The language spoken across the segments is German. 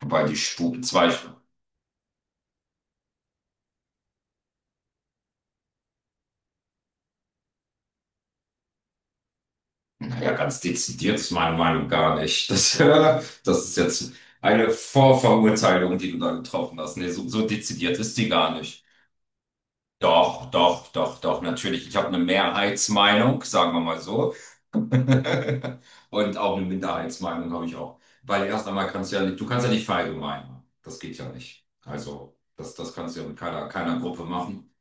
Wobei die Stufe 2, naja, ganz dezidiert ist meine Meinung gar nicht. Das, das ist jetzt eine Vorverurteilung, die du da getroffen hast. Nee, so dezidiert ist die gar nicht. Doch, doch, doch, doch, natürlich. Ich habe eine Mehrheitsmeinung, sagen wir mal so. Und auch eine Minderheitsmeinung habe ich auch. Weil erst einmal kannst du ja nicht, du kannst ja nicht verallgemeinern. Das geht ja nicht. Also, das kannst du ja mit keiner Gruppe machen.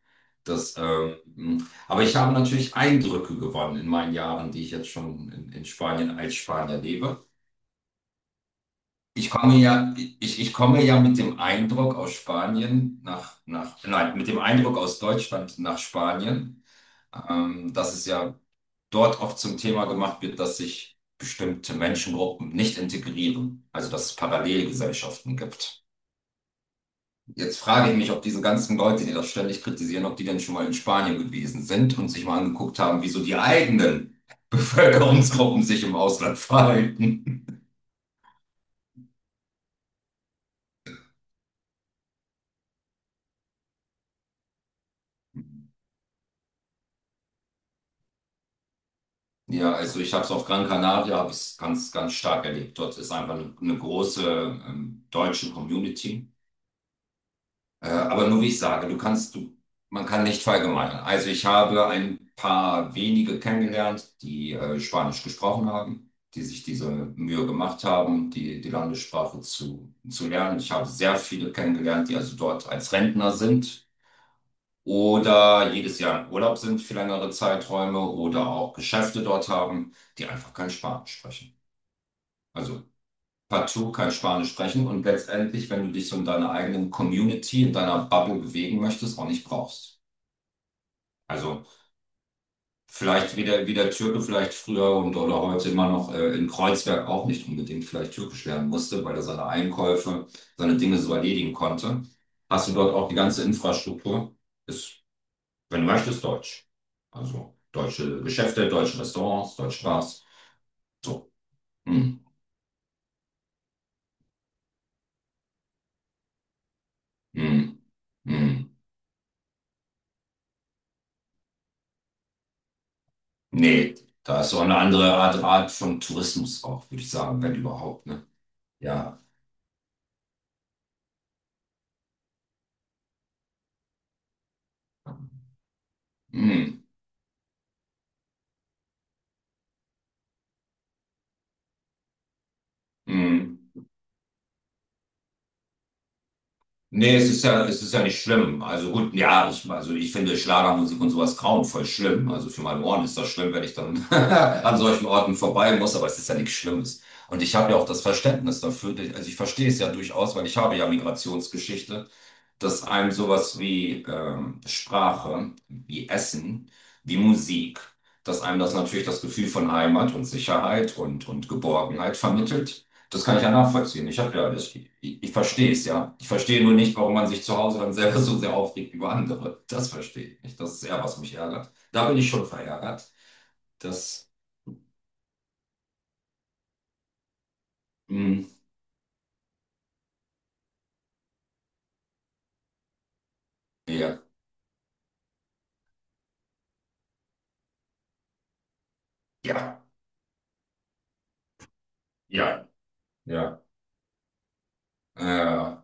Aber ich habe natürlich Eindrücke gewonnen in meinen Jahren, die ich jetzt schon in Spanien als Spanier lebe. Ich komme ja, ich komme ja mit dem Eindruck aus Spanien nach, nach, nein, mit dem Eindruck aus Deutschland nach Spanien, dass es ja dort oft zum Thema gemacht wird, dass sich bestimmte Menschengruppen nicht integrieren, also dass es Parallelgesellschaften gibt. Jetzt frage ich mich, ob diese ganzen Leute, die das ständig kritisieren, ob die denn schon mal in Spanien gewesen sind und sich mal angeguckt haben, wie so die eigenen Bevölkerungsgruppen sich im Ausland verhalten. Ja, also ich habe es auf Gran Canaria, habe es ganz, ganz stark erlebt. Dort ist einfach eine große deutsche Community. Aber nur wie ich sage, man kann nicht verallgemeinern. Also ich habe ein paar wenige kennengelernt, die Spanisch gesprochen haben, die sich diese Mühe gemacht haben, die Landessprache zu lernen. Ich habe sehr viele kennengelernt, die also dort als Rentner sind oder jedes Jahr im Urlaub sind für längere Zeiträume oder auch Geschäfte dort haben, die einfach kein Spanisch sprechen. Also partout kein Spanisch sprechen und letztendlich, wenn du dich so in deiner eigenen Community, in deiner Bubble bewegen möchtest, auch nicht brauchst. Also vielleicht wie der Türke vielleicht früher und oder heute immer noch in Kreuzberg auch nicht unbedingt vielleicht türkisch lernen musste, weil er seine Einkäufe, seine Dinge so erledigen konnte. Hast du dort auch die ganze Infrastruktur? Ist, wenn du möchtest, Deutsch. Also deutsche Geschäfte, deutsche Restaurants, deutsche Bars. So. Mm, mm, mm. Nee, da ist so eine andere Art von Tourismus auch, würde ich sagen, wenn überhaupt, ne? Ja. Hm, hm. Nee, es ist ja nicht schlimm. Also gut, ja, also ich finde Schlagermusik und sowas grauenvoll schlimm. Also für meine Ohren ist das schlimm, wenn ich dann an solchen Orten vorbei muss, aber es ist ja nichts Schlimmes. Und ich habe ja auch das Verständnis dafür. Also ich verstehe es ja durchaus, weil ich habe ja Migrationsgeschichte, dass einem sowas wie Sprache, wie Essen, wie Musik, dass einem das natürlich das Gefühl von Heimat und Sicherheit und Geborgenheit vermittelt. Das kann ich ja nachvollziehen. Ich habe ja, ich verstehe es ja. Ich verstehe nur nicht, warum man sich zu Hause dann selber so sehr aufregt über andere. Das verstehe ich nicht. Das ist eher, was mich ärgert. Da bin ich schon verärgert. Das, mh, ja, ja, ja, ja, äh,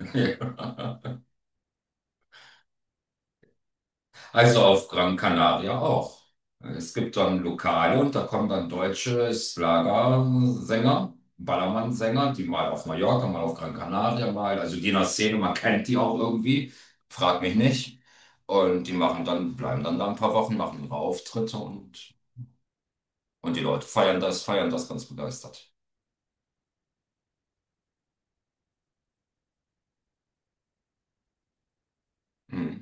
ja. Also auf Gran Canaria auch. Es gibt dann Lokale und da kommen dann deutsche Schlagersänger, Ballermannsänger, die mal auf Mallorca, mal auf Gran Canaria, mal, also die in der Szene, man kennt die auch irgendwie, frag mich nicht. Und die machen dann, bleiben dann da ein paar Wochen, machen ihre Auftritte und die Leute feiern das ganz begeistert. Hm,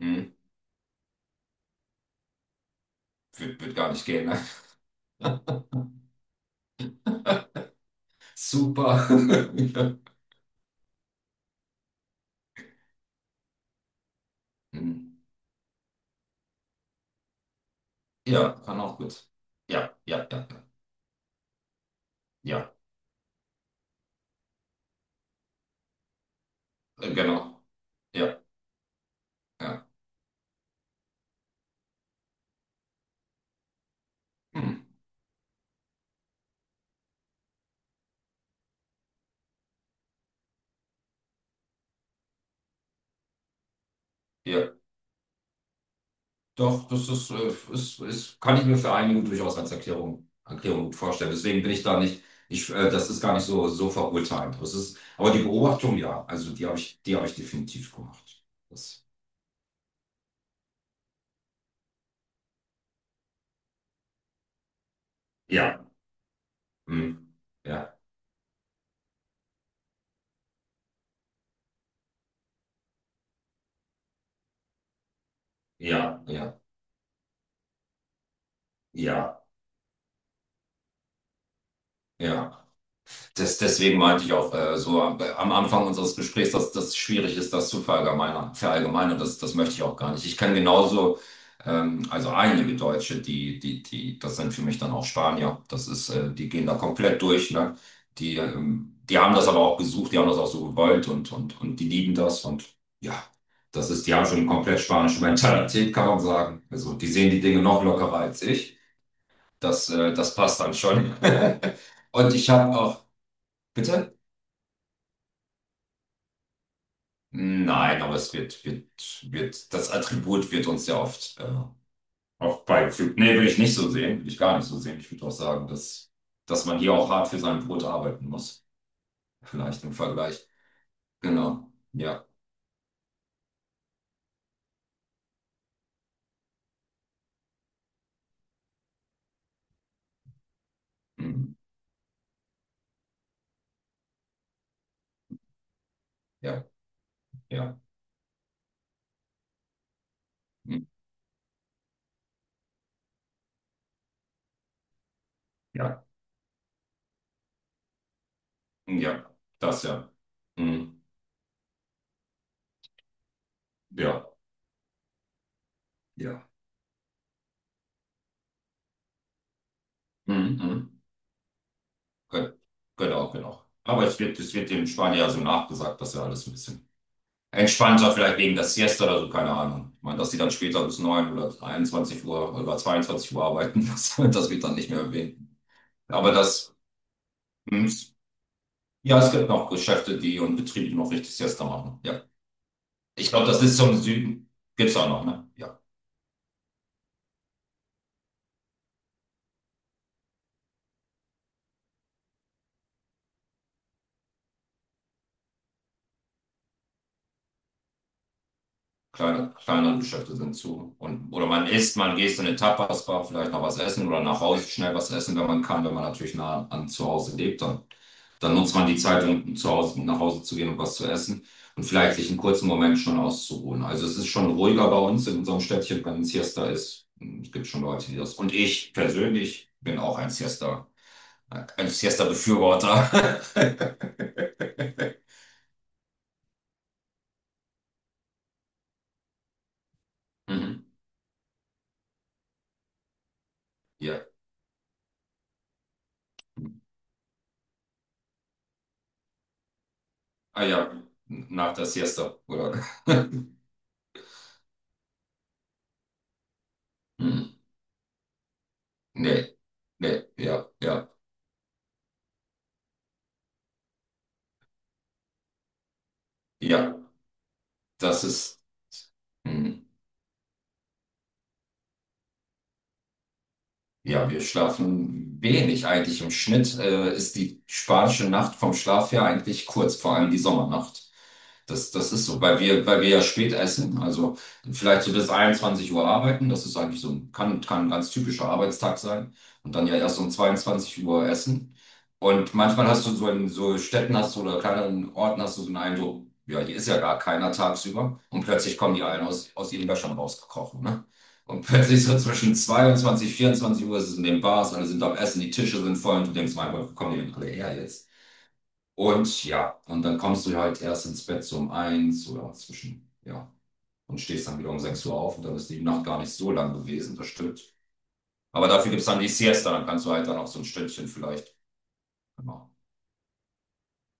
hm, wird gar nicht gehen, ne? Super. Hm. Ja, kann auch gut. Ja, ja, ja, ja, ja, genau. Ja. Ja. Hm. Ja. Doch, das ist, ist, ist, kann ich mir für einige durchaus als Erklärung gut vorstellen. Deswegen bin ich da nicht, das ist gar nicht so verurteilend. Aber die Beobachtung, ja, also die habe ich definitiv gemacht. Das, ja, hm. Ja, ja, ja, ja, ja. Deswegen meinte ich auch so am Anfang unseres Gesprächs, dass das schwierig ist, das zu verallgemeinern. Verallgemeinern, das möchte ich auch gar nicht. Ich kann genauso, also einige Deutsche, das sind für mich dann auch Spanier. Die gehen da komplett durch, ne? Die die haben das aber auch gesucht, die haben das auch so gewollt und die lieben das und ja, die haben schon eine komplett spanische Mentalität, kann man sagen. Also die sehen die Dinge noch lockerer als ich. Das passt dann schon. Und ich habe auch, bitte? Nein, aber es wird, wird, wird, das Attribut wird uns ja oft beigefügt. Nee, will ich nicht so sehen, will ich gar nicht so sehen. Ich würde auch sagen, dass man hier auch hart für sein Brot arbeiten muss. Vielleicht im Vergleich. Genau. Ja. Mhm. Ja. Ja. Mhm. Ja. Ja. Das ja. Mhm. Ja. Ja. Mhm. Mhm. Ge- Genau, genau. Aber es wird dem Spanier ja so nachgesagt, dass er alles ein bisschen entspannter, vielleicht wegen der Siesta oder so, keine Ahnung. Ich meine, dass die dann später bis 9 oder 21 Uhr oder 22 Uhr arbeiten, das wird dann nicht mehr erwähnt. Aber hm, ja, es gibt noch Geschäfte, die und Betriebe, die noch richtig Siesta machen. Ja. Ich glaube, das ist zum Süden. Gibt's auch noch, ne? Ja. Kleinere Geschäfte sind zu. Oder man isst, man geht in eine Tapas-Bar, vielleicht noch was essen oder nach Hause schnell was essen, wenn man kann, wenn man natürlich nah an zu Hause lebt, dann. Dann nutzt man die Zeit, um nach Hause zu gehen und was zu essen und vielleicht sich einen kurzen Moment schon auszuruhen. Also es ist schon ruhiger bei uns in unserem Städtchen, wenn ein Siesta ist. Es gibt schon Leute, die das. Und ich persönlich bin auch ein Siesta-Befürworter. Mhm. Ja. Ah ja, nach der Siesta, oder? Mhm. Nee, nee, ja, ja, ja. Das ist. Mhm. Ja, wir schlafen wenig eigentlich. Im Schnitt ist die spanische Nacht vom Schlaf her eigentlich kurz, vor allem die Sommernacht. Das ist so, weil wir ja spät essen, also vielleicht so bis 21 Uhr arbeiten. Das ist eigentlich so, kann ein ganz typischer Arbeitstag sein. Und dann ja erst um 22 Uhr essen. Und manchmal hast du so in so Städten hast du oder kleineren Orten hast du so einen Eindruck, ja, hier ist ja gar keiner tagsüber. Und plötzlich kommen die allen aus ihren Wäschern rausgekrochen. Ne? Und plötzlich so zwischen 22, 24 Uhr ist es in den Bars, alle sind am Essen, die Tische sind voll und du denkst, mein Gott, wo kommen die denn alle her jetzt? Und ja, und dann kommst du halt erst ins Bett so um eins oder zwischen, ja, und stehst dann wieder um 6 Uhr auf und dann ist die Nacht gar nicht so lang gewesen, das stimmt. Aber dafür gibt es dann die Siesta, dann kannst du halt dann auch so ein Stündchen vielleicht. Genau.